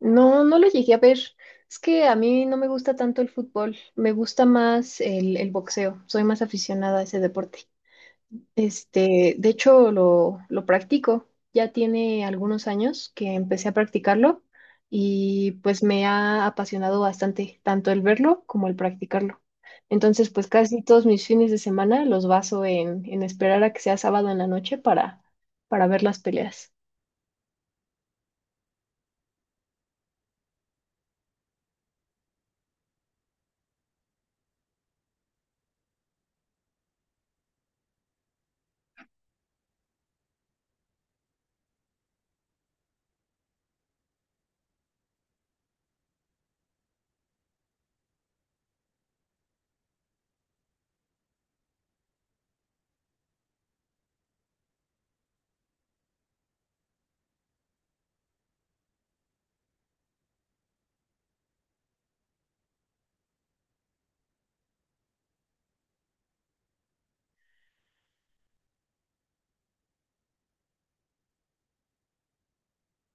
No, no lo llegué a ver. Es que a mí no me gusta tanto el fútbol, me gusta más el boxeo, soy más aficionada a ese deporte. Este, de hecho, lo practico, ya tiene algunos años que empecé a practicarlo y pues me ha apasionado bastante, tanto el verlo como el practicarlo. Entonces, pues casi todos mis fines de semana los baso en esperar a que sea sábado en la noche para ver las peleas.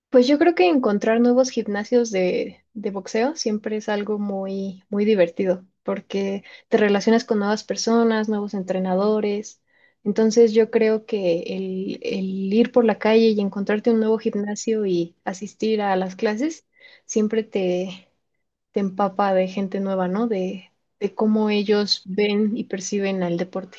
Pues yo creo que encontrar nuevos gimnasios de boxeo siempre es algo muy, muy divertido, porque te relacionas con nuevas personas, nuevos entrenadores. Entonces yo creo que el ir por la calle y encontrarte un nuevo gimnasio y asistir a las clases siempre te, te empapa de gente nueva, ¿no? De cómo ellos ven y perciben al deporte.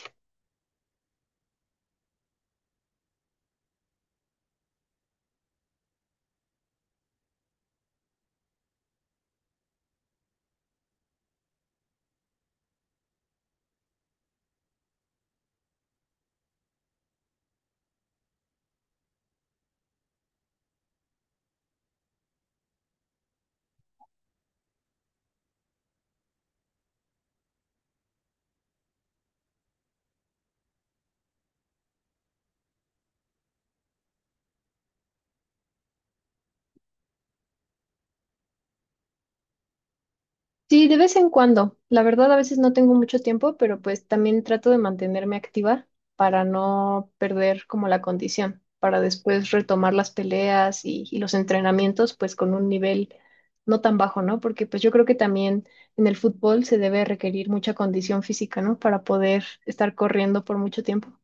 Sí, de vez en cuando. La verdad, a veces no tengo mucho tiempo, pero pues también trato de mantenerme activa para no perder como la condición, para después retomar las peleas y los entrenamientos pues con un nivel no tan bajo, ¿no? Porque pues yo creo que también en el fútbol se debe requerir mucha condición física, ¿no? Para poder estar corriendo por mucho tiempo.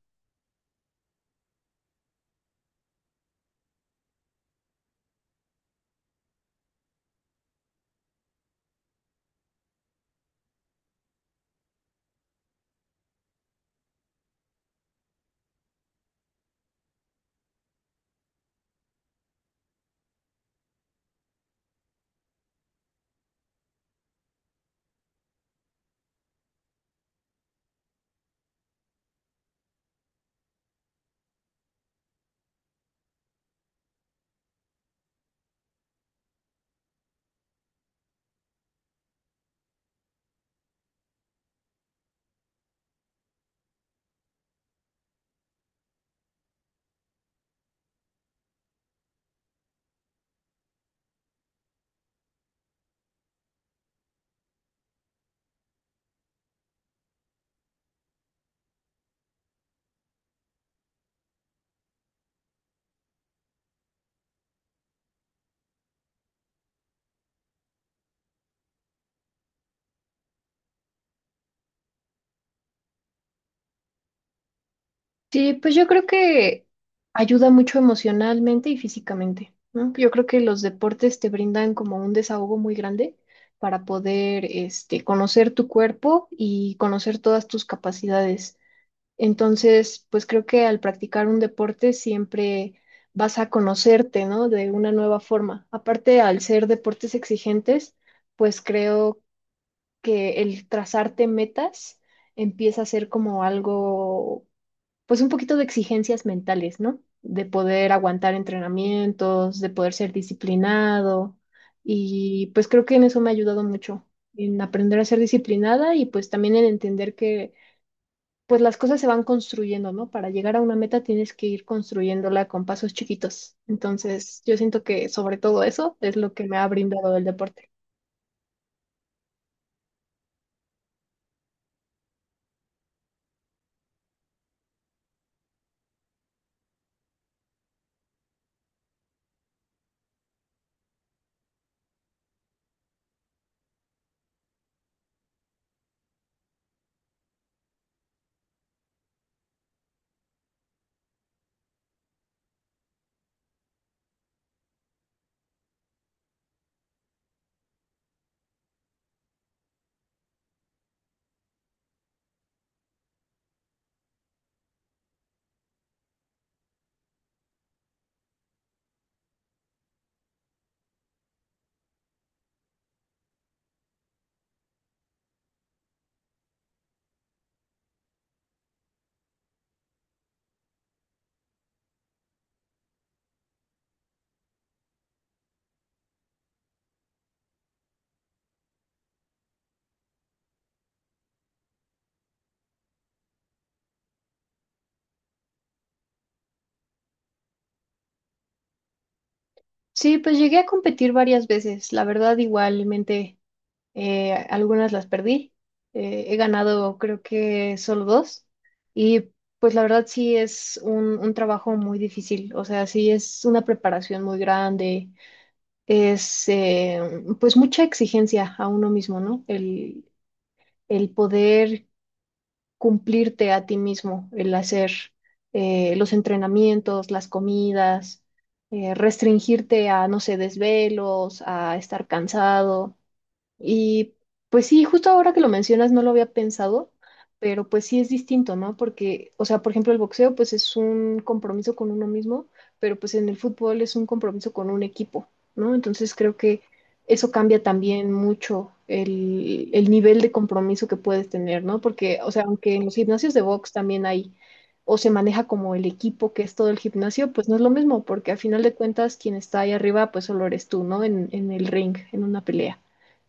Sí, pues yo creo que ayuda mucho emocionalmente y físicamente, ¿no? Yo creo que los deportes te brindan como un desahogo muy grande para poder, este, conocer tu cuerpo y conocer todas tus capacidades. Entonces, pues creo que al practicar un deporte siempre vas a conocerte, ¿no? De una nueva forma. Aparte, al ser deportes exigentes, pues creo que el trazarte metas empieza a ser como algo pues un poquito de exigencias mentales, ¿no? De poder aguantar entrenamientos, de poder ser disciplinado. Y pues creo que en eso me ha ayudado mucho, en aprender a ser disciplinada y pues también en entender que pues las cosas se van construyendo, ¿no? Para llegar a una meta tienes que ir construyéndola con pasos chiquitos. Entonces, yo siento que sobre todo eso es lo que me ha brindado el deporte. Sí, pues llegué a competir varias veces, la verdad igualmente algunas las perdí. He ganado creo que solo dos. Y pues la verdad sí es un trabajo muy difícil. O sea, sí es una preparación muy grande. Es pues mucha exigencia a uno mismo, ¿no? El poder cumplirte a ti mismo, el hacer los entrenamientos, las comidas, restringirte a, no sé, desvelos, a estar cansado. Y pues sí, justo ahora que lo mencionas no lo había pensado, pero pues sí es distinto, ¿no? Porque, o sea, por ejemplo, el boxeo pues es un compromiso con uno mismo, pero pues en el fútbol es un compromiso con un equipo, ¿no? Entonces creo que eso cambia también mucho el nivel de compromiso que puedes tener, ¿no? Porque, o sea, aunque en los gimnasios de box también hay, o se maneja como el equipo que es todo el gimnasio, pues no es lo mismo, porque a final de cuentas quien está ahí arriba pues solo eres tú, ¿no? En el ring, en una pelea,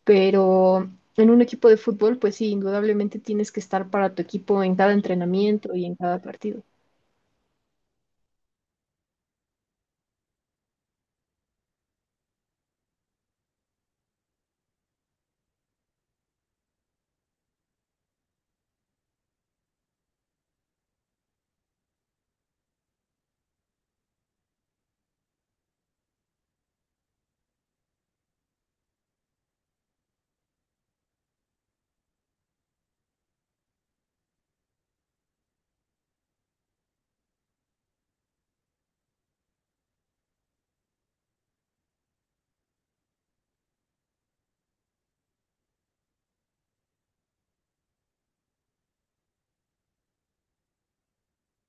pero en un equipo de fútbol, pues sí, indudablemente tienes que estar para tu equipo en cada entrenamiento y en cada partido.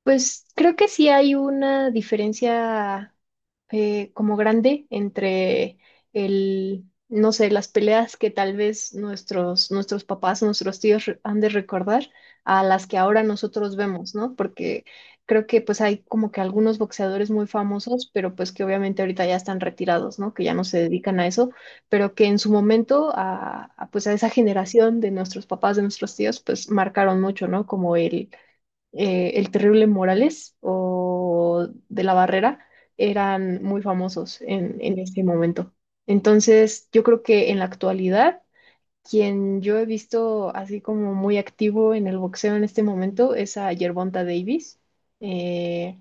Pues creo que sí hay una diferencia como grande entre el, no sé, las peleas que tal vez nuestros papás, nuestros tíos han de recordar a las que ahora nosotros vemos, ¿no? Porque creo que pues hay como que algunos boxeadores muy famosos, pero pues que obviamente ahorita ya están retirados, ¿no? Que ya no se dedican a eso, pero que en su momento pues a esa generación de nuestros papás, de nuestros tíos, pues marcaron mucho, ¿no? Como el Terrible Morales o de la Barrera eran muy famosos en ese momento. Entonces, yo creo que en la actualidad, quien yo he visto así como muy activo en el boxeo en este momento es a Gervonta Davis, eh,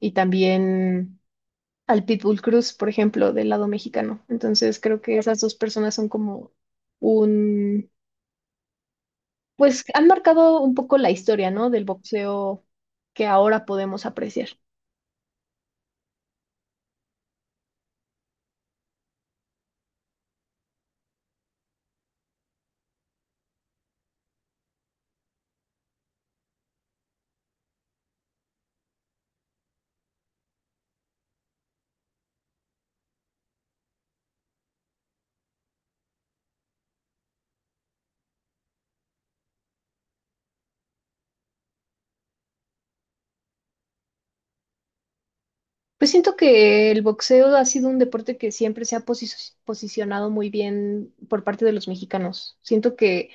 y también al Pitbull Cruz, por ejemplo, del lado mexicano. Entonces, creo que esas dos personas son como un pues han marcado un poco la historia, ¿no? Del boxeo que ahora podemos apreciar. Pues siento que el boxeo ha sido un deporte que siempre se ha posicionado muy bien por parte de los mexicanos. Siento que,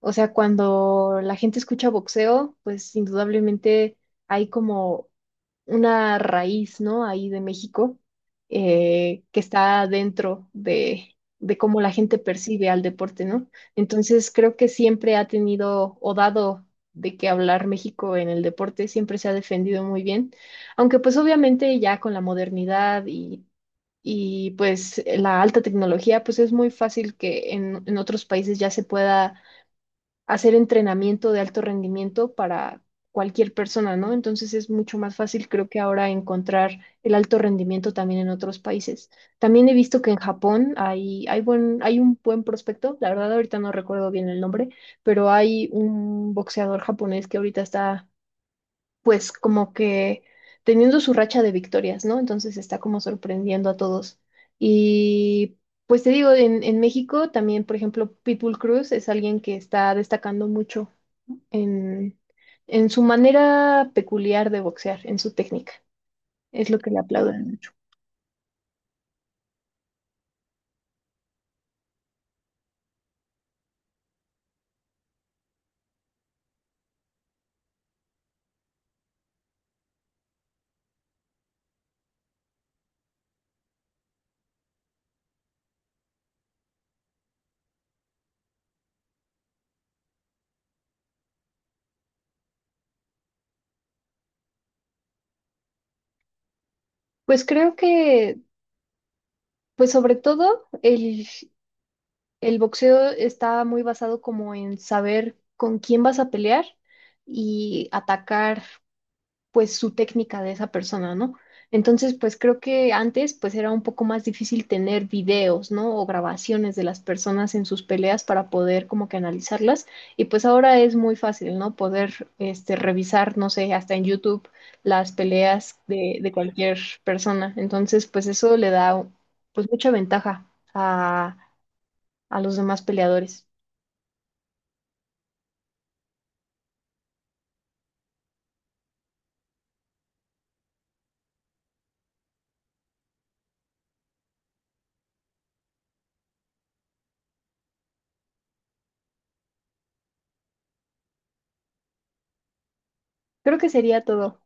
o sea, cuando la gente escucha boxeo, pues indudablemente hay como una raíz, ¿no? Ahí de México, que está dentro de cómo la gente percibe al deporte, ¿no? Entonces, creo que siempre ha tenido o dado de qué hablar México en el deporte, siempre se ha defendido muy bien, aunque pues obviamente ya con la modernidad y... Y pues la alta tecnología, pues es muy fácil que en otros países ya se pueda hacer entrenamiento de alto rendimiento para cualquier persona, ¿no? Entonces es mucho más fácil, creo que ahora encontrar el alto rendimiento también en otros países. También he visto que en Japón hay un buen prospecto, la verdad ahorita no recuerdo bien el nombre, pero hay un boxeador japonés que ahorita está pues como que teniendo su racha de victorias, ¿no? Entonces está como sorprendiendo a todos. Y pues te digo, en México también, por ejemplo, Pitbull Cruz es alguien que está destacando mucho en, en su manera peculiar de boxear, en su técnica. Es lo que le aplauden mucho. Pues creo que, pues sobre todo, el boxeo está muy basado como en saber con quién vas a pelear y atacar pues su técnica de esa persona, ¿no? Entonces, pues creo que antes pues era un poco más difícil tener videos, ¿no? O grabaciones de las personas en sus peleas para poder como que analizarlas y pues ahora es muy fácil, ¿no? Poder este revisar, no sé, hasta en YouTube las peleas de cualquier persona. Entonces, pues eso le da pues mucha ventaja a los demás peleadores. Creo que sería todo.